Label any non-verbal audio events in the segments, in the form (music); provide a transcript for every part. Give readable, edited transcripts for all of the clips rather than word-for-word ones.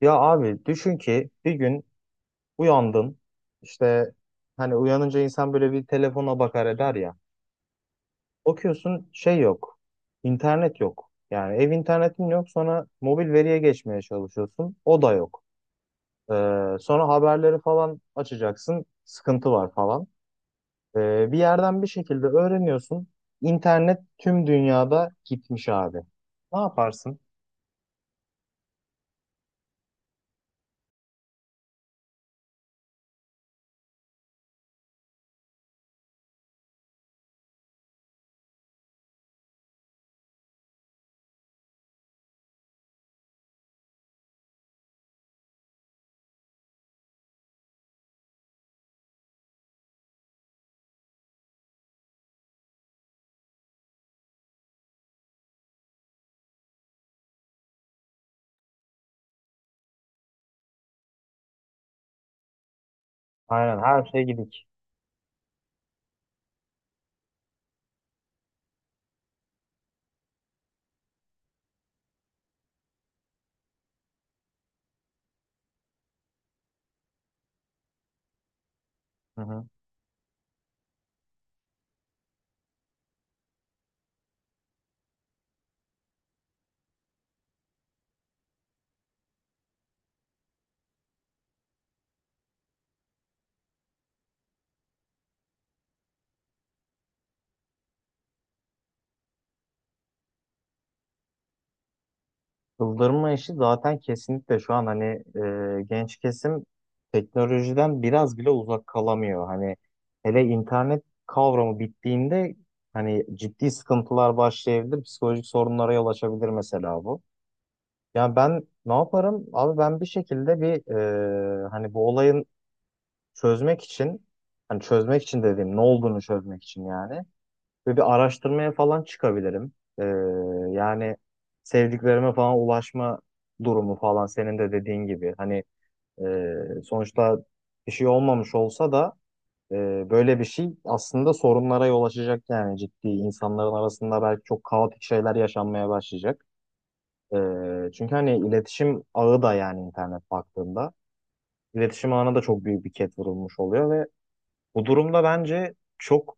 Ya abi düşün ki bir gün uyandın işte, hani uyanınca insan böyle bir telefona bakar eder ya. Bakıyorsun şey yok. İnternet yok. Yani ev internetin yok, sonra mobil veriye geçmeye çalışıyorsun. O da yok. Sonra haberleri falan açacaksın. Sıkıntı var falan. Bir yerden bir şekilde öğreniyorsun. İnternet tüm dünyada gitmiş abi. Ne yaparsın? Aynen, her şey gidik. Hı hı. Çıldırma işi zaten kesinlikle şu an, hani genç kesim teknolojiden biraz bile uzak kalamıyor. Hani hele internet kavramı bittiğinde hani ciddi sıkıntılar başlayabilir, psikolojik sorunlara yol açabilir mesela bu. Yani ben ne yaparım? Abi ben bir şekilde bir, hani bu olayın çözmek için hani çözmek için, dediğim ne olduğunu çözmek için yani, ve bir araştırmaya falan çıkabilirim. Ee, Yani sevdiklerime falan ulaşma durumu falan, senin de dediğin gibi. Hani sonuçta bir şey olmamış olsa da, e, böyle bir şey aslında sorunlara yol açacak yani, ciddi. İnsanların arasında belki çok kaotik şeyler yaşanmaya başlayacak. Çünkü hani iletişim ağı da, yani internet baktığında iletişim ağına da çok büyük bir ket vurulmuş oluyor, ve bu durumda bence çok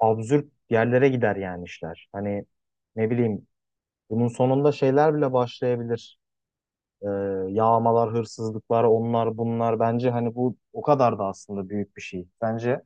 absürt yerlere gider yani işler. Hani ne bileyim, bunun sonunda şeyler bile başlayabilir. Ee, Yağmalar, hırsızlıklar, onlar bunlar. Bence hani bu o kadar da aslında büyük bir şey. Bence.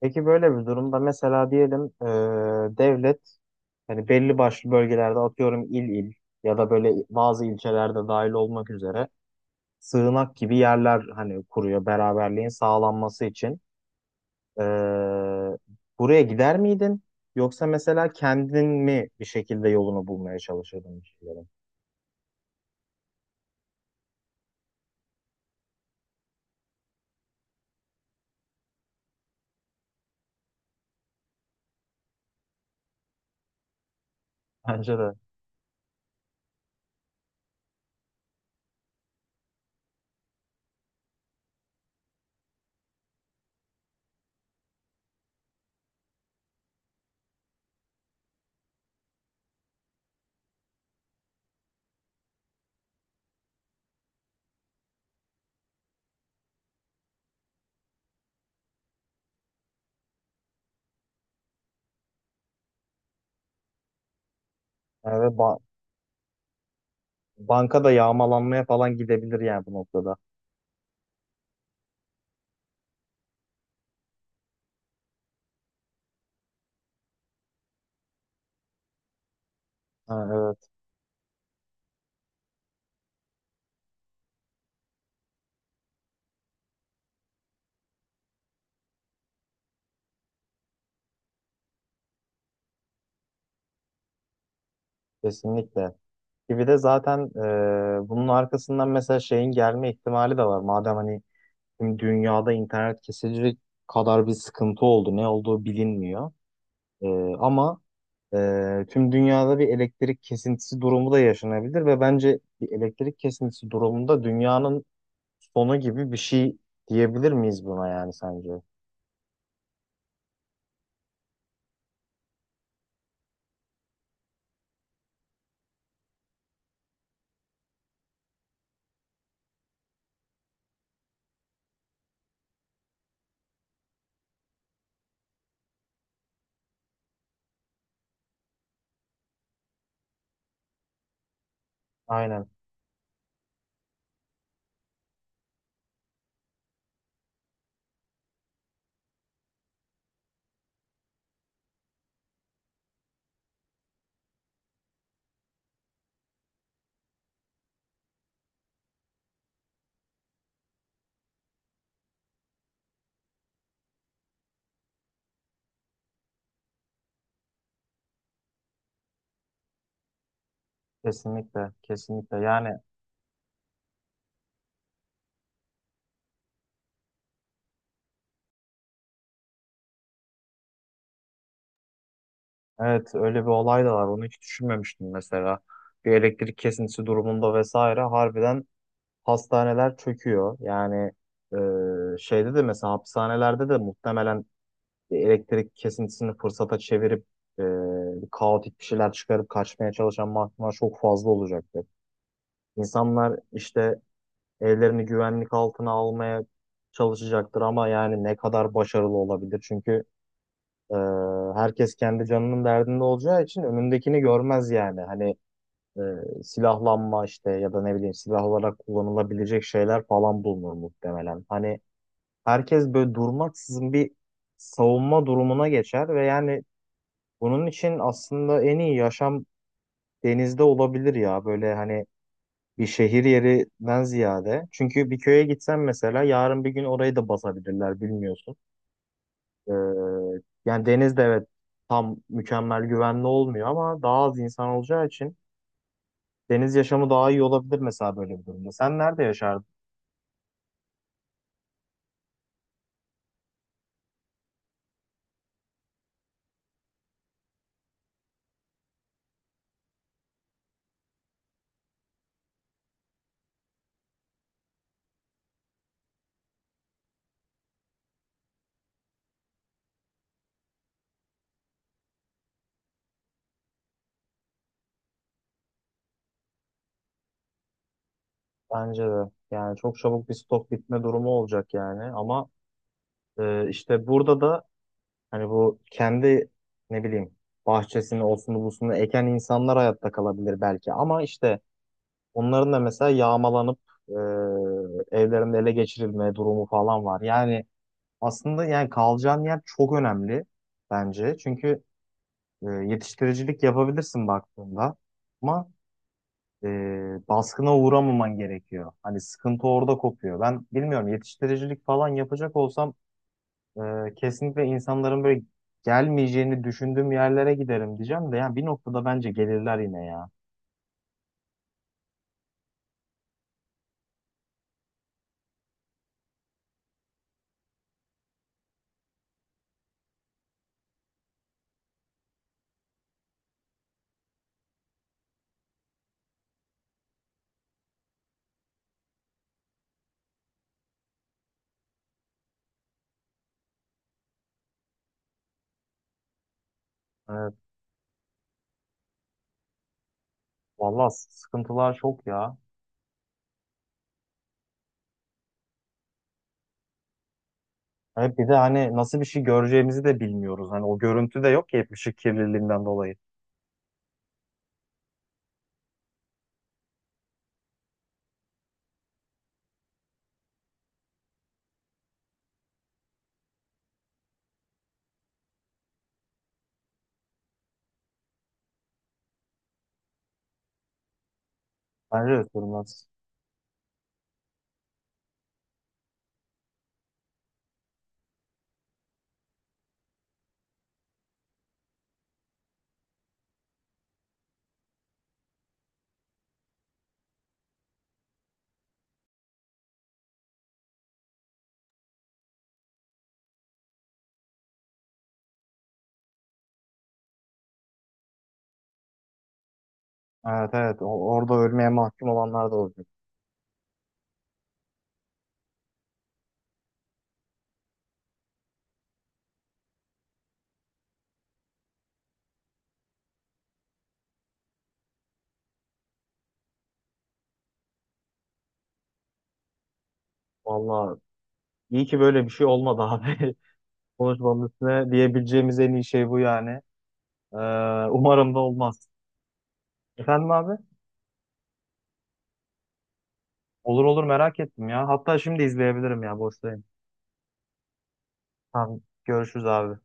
Peki böyle bir durumda mesela diyelim, devlet hani belli başlı bölgelerde, atıyorum, il il, ya da böyle bazı ilçelerde dahil olmak üzere sığınak gibi yerler hani kuruyor beraberliğin sağlanması için. Ee, Buraya gider miydin? Yoksa mesela kendin mi bir şekilde yolunu bulmaya çalışırdın bir şeylerin? Bence de. Yani ve ba- Banka da yağmalanmaya falan gidebilir yani bu noktada. Ha, evet, kesinlikle. Gibi de zaten, bunun arkasından mesela şeyin gelme ihtimali de var. Madem hani tüm dünyada internet kesilecek kadar bir sıkıntı oldu, ne olduğu bilinmiyor. E, ama tüm dünyada bir elektrik kesintisi durumu da yaşanabilir, ve bence bir elektrik kesintisi durumunda dünyanın sonu gibi bir şey diyebilir miyiz buna, yani sence? Aynen, kesinlikle, kesinlikle. Yani evet, öyle bir olay da var. Onu hiç düşünmemiştim mesela. Bir elektrik kesintisi durumunda vesaire, harbiden hastaneler çöküyor. Yani şeyde de, mesela hapishanelerde de muhtemelen elektrik kesintisini fırsata çevirip, e, kaotik bir şeyler çıkarıp kaçmaya çalışan mahkumlar çok fazla olacaktır. İnsanlar işte evlerini güvenlik altına almaya çalışacaktır, ama yani ne kadar başarılı olabilir? Çünkü e, herkes kendi canının derdinde olacağı için önündekini görmez yani. Hani e, silahlanma işte, ya da ne bileyim silah olarak kullanılabilecek şeyler falan bulunur muhtemelen. Hani herkes böyle durmaksızın bir savunma durumuna geçer, ve yani bunun için aslında en iyi yaşam denizde olabilir ya. Böyle hani bir şehir yerinden ziyade. Çünkü bir köye gitsen mesela, yarın bir gün orayı da basabilirler, bilmiyorsun. Ee, Yani deniz de evet, tam mükemmel güvenli olmuyor, ama daha az insan olacağı için deniz yaşamı daha iyi olabilir mesela böyle bir durumda. Sen nerede yaşardın? Bence de. Yani çok çabuk bir stok bitme durumu olacak yani, ama işte burada da hani bu kendi, ne bileyim, bahçesini olsun busunu eken insanlar hayatta kalabilir belki, ama işte onların da mesela yağmalanıp, e, evlerinde ele geçirilme durumu falan var. Yani aslında yani kalacağın yer çok önemli bence. Çünkü yetiştiricilik yapabilirsin baktığında, ama e, baskına uğramaman gerekiyor. Hani sıkıntı orada kopuyor. Ben bilmiyorum, yetiştiricilik falan yapacak olsam kesinlikle insanların böyle gelmeyeceğini düşündüğüm yerlere giderim diyeceğim de, yani bir noktada bence gelirler yine ya. Evet, vallahi sıkıntılar çok ya. Hep bir de hani nasıl bir şey göreceğimizi de bilmiyoruz. Hani o görüntü de yok ki, hep ışık kirliliğinden dolayı. Bence de sürmez. Evet, evet, orada ölmeye mahkum olanlar da olacak. Vallahi iyi ki böyle bir şey olmadı abi. (laughs) Konuşmanın üstüne diyebileceğimiz en iyi şey bu yani. Ee, umarım da olmaz. Efendim abi? Olur olur, merak ettim ya. Hatta şimdi izleyebilirim ya, boşta. Tamam, görüşürüz abi.